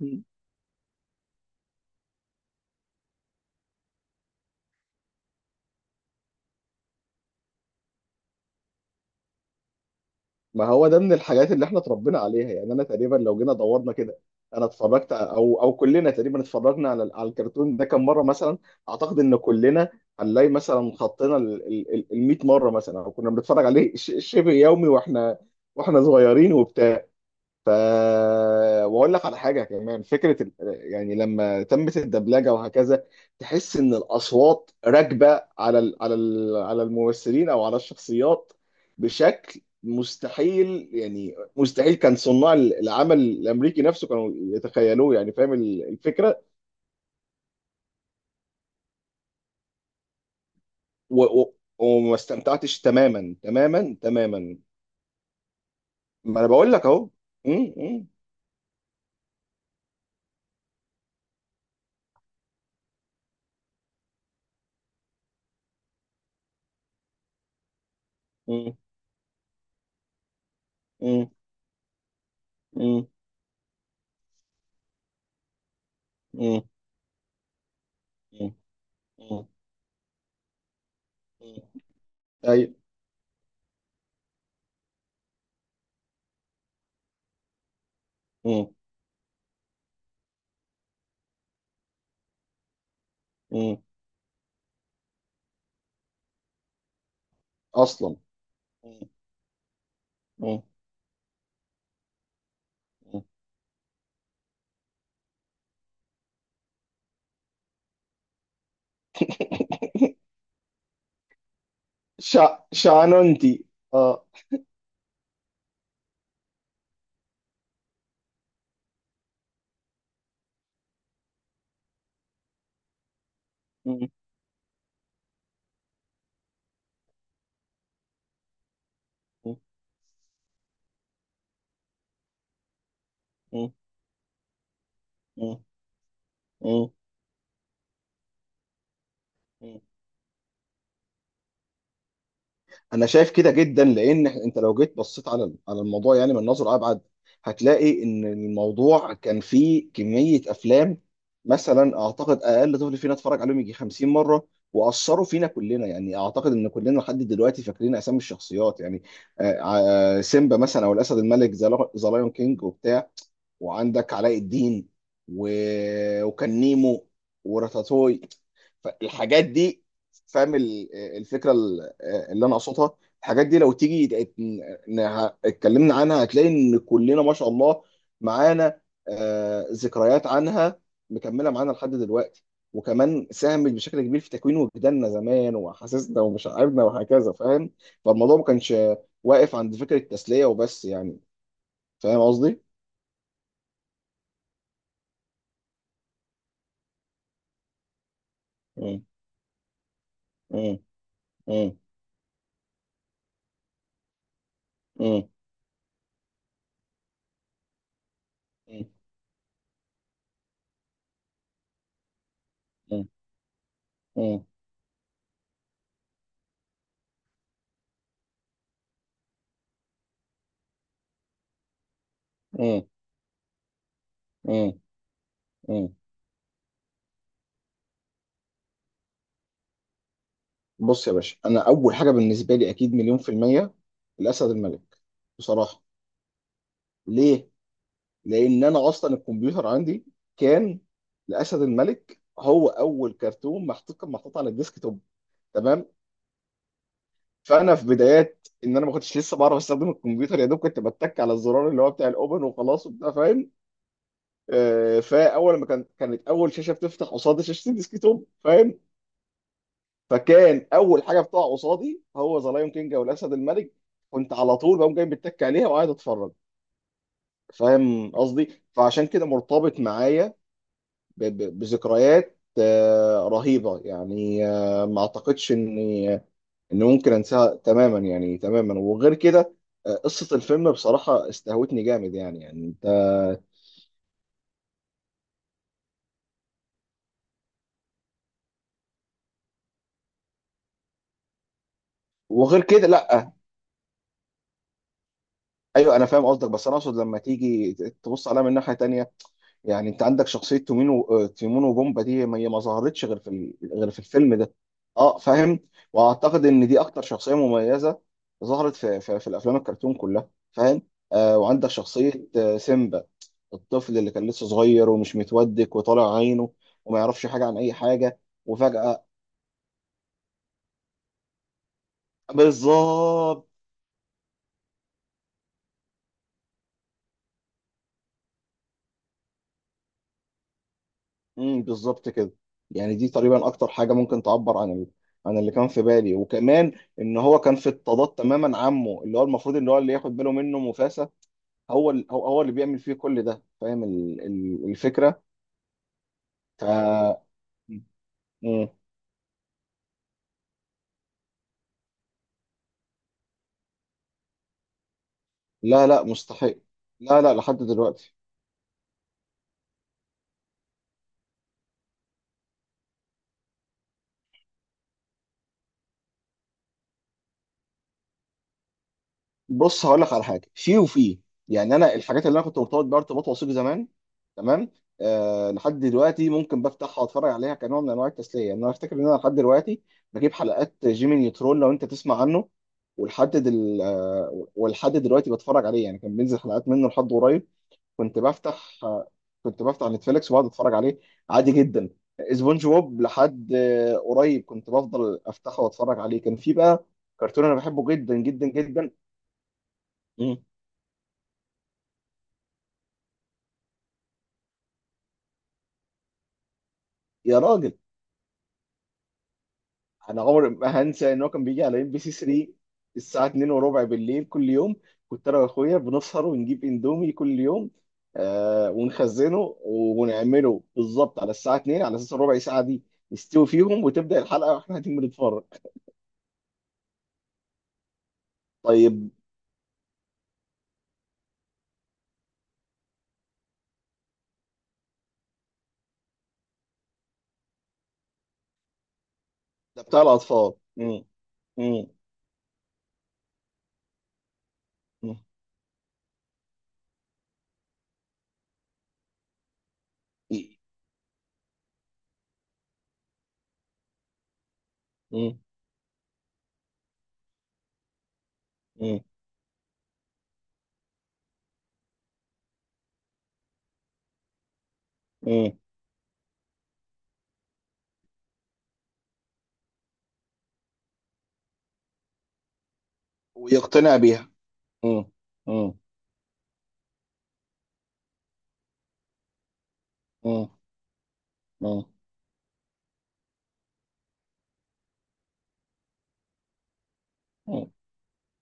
مم. ما هو ده من الحاجات اللي احنا اتربينا عليها، يعني انا تقريبا لو جينا دورنا كده، انا اتفرجت او كلنا تقريبا اتفرجنا على الكرتون ده كم مره. مثلا اعتقد ان كلنا هنلاقي مثلا خطينا ال 100 مره مثلا، او كنا بنتفرج عليه شبه يومي واحنا صغيرين وبتاع. ف واقول لك على حاجه كمان، فكره يعني لما تمت الدبلجه وهكذا، تحس ان الاصوات راكبه على الممثلين او على الشخصيات بشكل مستحيل، يعني مستحيل كان صناع العمل الامريكي نفسه كانوا يتخيلوه. يعني فاهم الفكره. وما استمتعتش تماما تماما تماما. ما انا بقول لك اهو. م- م- م- م- م- م- م- م- م- ايوه. م- م- اصلا. مم. مم. مم. شعنونتي اه. مم. مم. مم. مم. مم. مم. انا شايف كده جدا، لان انت لو جيت بصيت على الموضوع يعني من نظر ابعد، هتلاقي ان الموضوع كان فيه كميه افلام. مثلا اعتقد اقل طفل فينا اتفرج عليهم يجي 50 مره، واثروا فينا كلنا. يعني اعتقد ان كلنا لحد دلوقتي فاكرين اسامي الشخصيات. يعني آه، سيمبا مثلا، او الاسد الملك، ذا لايون كينج وبتاع، وعندك علاء الدين و... وكان نيمو وراتاتوي. فالحاجات دي، فاهم الفكره اللي انا اقصدها. الحاجات دي لو تيجي اتكلمنا عنها، هتلاقي ان كلنا ما شاء الله معانا ذكريات عنها مكمله معانا لحد دلوقتي، وكمان ساهمت بشكل كبير في تكوين وجداننا زمان واحاسيسنا ومشاعرنا وهكذا، فاهم؟ فالموضوع ما كانش واقف عند فكره التسليه وبس يعني. فاهم قصدي؟ مم. مم. مم. مم. مم. مم. مم. مم. مم. بص يا باشا، انا اول حاجه بالنسبه لي اكيد مليون في الميه الاسد الملك، بصراحه. ليه؟ لان انا اصلا الكمبيوتر عندي كان، الاسد الملك هو اول كرتون محطوط، كان محطوط على الديسك توب، تمام. فانا في بدايات ان انا ما كنتش لسه بعرف استخدم الكمبيوتر، يا دوب كنت بتك على الزرار اللي هو بتاع الاوبن وخلاص وبتاع، فاهم. فاول ما كانت اول شاشه بتفتح قصاد شاشه الديسكتوب، فاهم. فكان اول حاجه بتقع قصادي هو ذا لايون كينج او الاسد الملك، كنت على طول بقوم جاي بتك عليها وقاعد اتفرج، فاهم قصدي. فعشان كده مرتبط معايا بذكريات رهيبه يعني، ما اعتقدش اني ان ممكن انساها تماما يعني تماما. وغير كده قصه الفيلم بصراحه استهوتني جامد، يعني انت. وغير كده لا. ايوه انا فاهم قصدك، بس انا اقصد لما تيجي تبص عليها من ناحيه تانية. يعني انت عندك شخصيه تيمون وبومبا دي، ما هي ما ظهرتش غير غير في الفيلم ده. اه فاهم. واعتقد ان دي اكتر شخصيه مميزه ظهرت في الافلام الكرتون كلها، فاهم. وعندك شخصيه سيمبا، الطفل اللي كان لسه صغير ومش متودك وطالع عينه وما يعرفش حاجه عن اي حاجه وفجاه. بالظبط. بالظبط كده. يعني دي تقريبا اكتر حاجه ممكن تعبر عن عن اللي كان في بالي، وكمان ان هو كان في اضطهاد تماما، عمه اللي هو المفروض ان هو اللي ياخد باله منه مفاسة، هو هو اللي بيعمل فيه كل ده، فاهم الفكره. ف مم. لا لا مستحيل. لا لا لحد دلوقتي. بص هقول لك على حاجه في، يعني انا الحاجات اللي انا كنت مرتبط بيها ارتباط وثيق زمان، تمام. لحد دلوقتي ممكن بفتحها واتفرج عليها كنوع من انواع التسليه. يعني انا افتكر ان انا لحد دلوقتي بجيب حلقات جيمي نيوترون، لو انت تسمع عنه. ولحد دل... آه ولحد دلوقتي بتفرج عليه، يعني كان بينزل حلقات منه لحد قريب. كنت بفتح آه كنت بفتح نتفليكس وبقعد اتفرج عليه عادي جدا. سبونج بوب لحد قريب كنت بفضل افتحه واتفرج عليه، كان في بقى كرتون انا بحبه جدا جدا جدا. مم. يا راجل، انا عمري ما هنسى ان هو كان بيجي على ام بي سي 3 الساعه 2 وربع بالليل كل يوم. كنت انا واخويا بنسهر ونجيب اندومي كل يوم، ونخزنه ونعمله بالظبط على الساعه 2 على اساس الربع ساعه دي نستوي فيهم، وتبدا الحلقه واحنا قاعدين بنتفرج. طيب. ده بتاع الاطفال. مم. مم. مم. مم. مم. مم. ويقتنع بيها. مم. مم. مم. مم.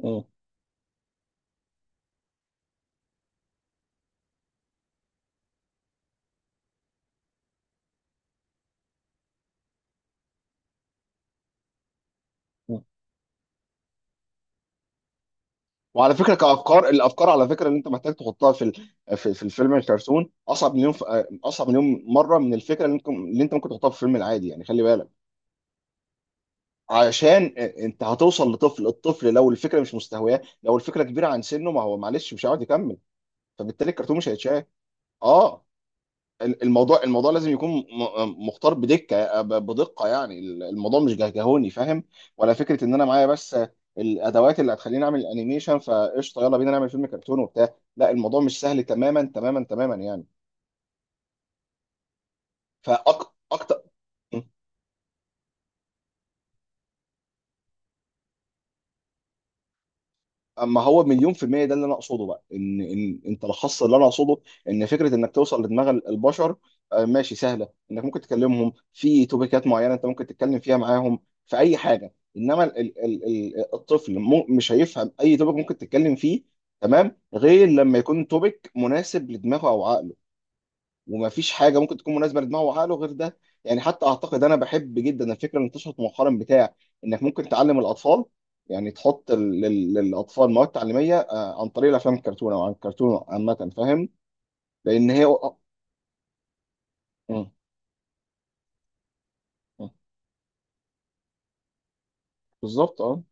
مم. مم. وعلى فكره الافكار، على فكره اللي انت محتاج تحطها في الفيلم الكرتون اصعب مليون اصعب مليون مره من الفكره اللي انت ممكن تحطها في الفيلم العادي، يعني خلي بالك. عشان انت هتوصل لطفل، الطفل لو الفكره مش مستهواه، لو الفكره كبيره عن سنه، ما هو معلش مش هيقعد يكمل، فبالتالي الكرتون مش هيتشاف. اه. الموضوع لازم يكون مختار بدقه. يعني الموضوع مش جهجهوني، فاهم. ولا فكره ان انا معايا بس الادوات اللي هتخليني اعمل انيميشن، فقشطه يلا بينا نعمل فيلم كرتون وبتاع. لا، الموضوع مش سهل تماما تماما تماما يعني. فاكتر. اما هو مليون في المية، ده اللي انا اقصده بقى، ان انت لخصت اللي انا اقصده. ان فكرة انك توصل لدماغ البشر ماشي سهلة، انك ممكن تكلمهم في توبيكات معينة انت ممكن تتكلم فيها معاهم في اي حاجة. انما ال ال ال الطفل مش هيفهم اي توبيك ممكن تتكلم فيه، تمام، غير لما يكون توبيك مناسب لدماغه او عقله. ومفيش حاجه ممكن تكون مناسبه لدماغه وعقله غير ده. يعني حتى اعتقد انا بحب جدا الفكره اللي انتشرت مؤخرا بتاع انك ممكن تعلم الاطفال، يعني تحط للاطفال مواد تعليميه عن طريق الافلام الكرتون او عن الكرتون عامه، فاهم. لان هي م- م- بالظبط اه.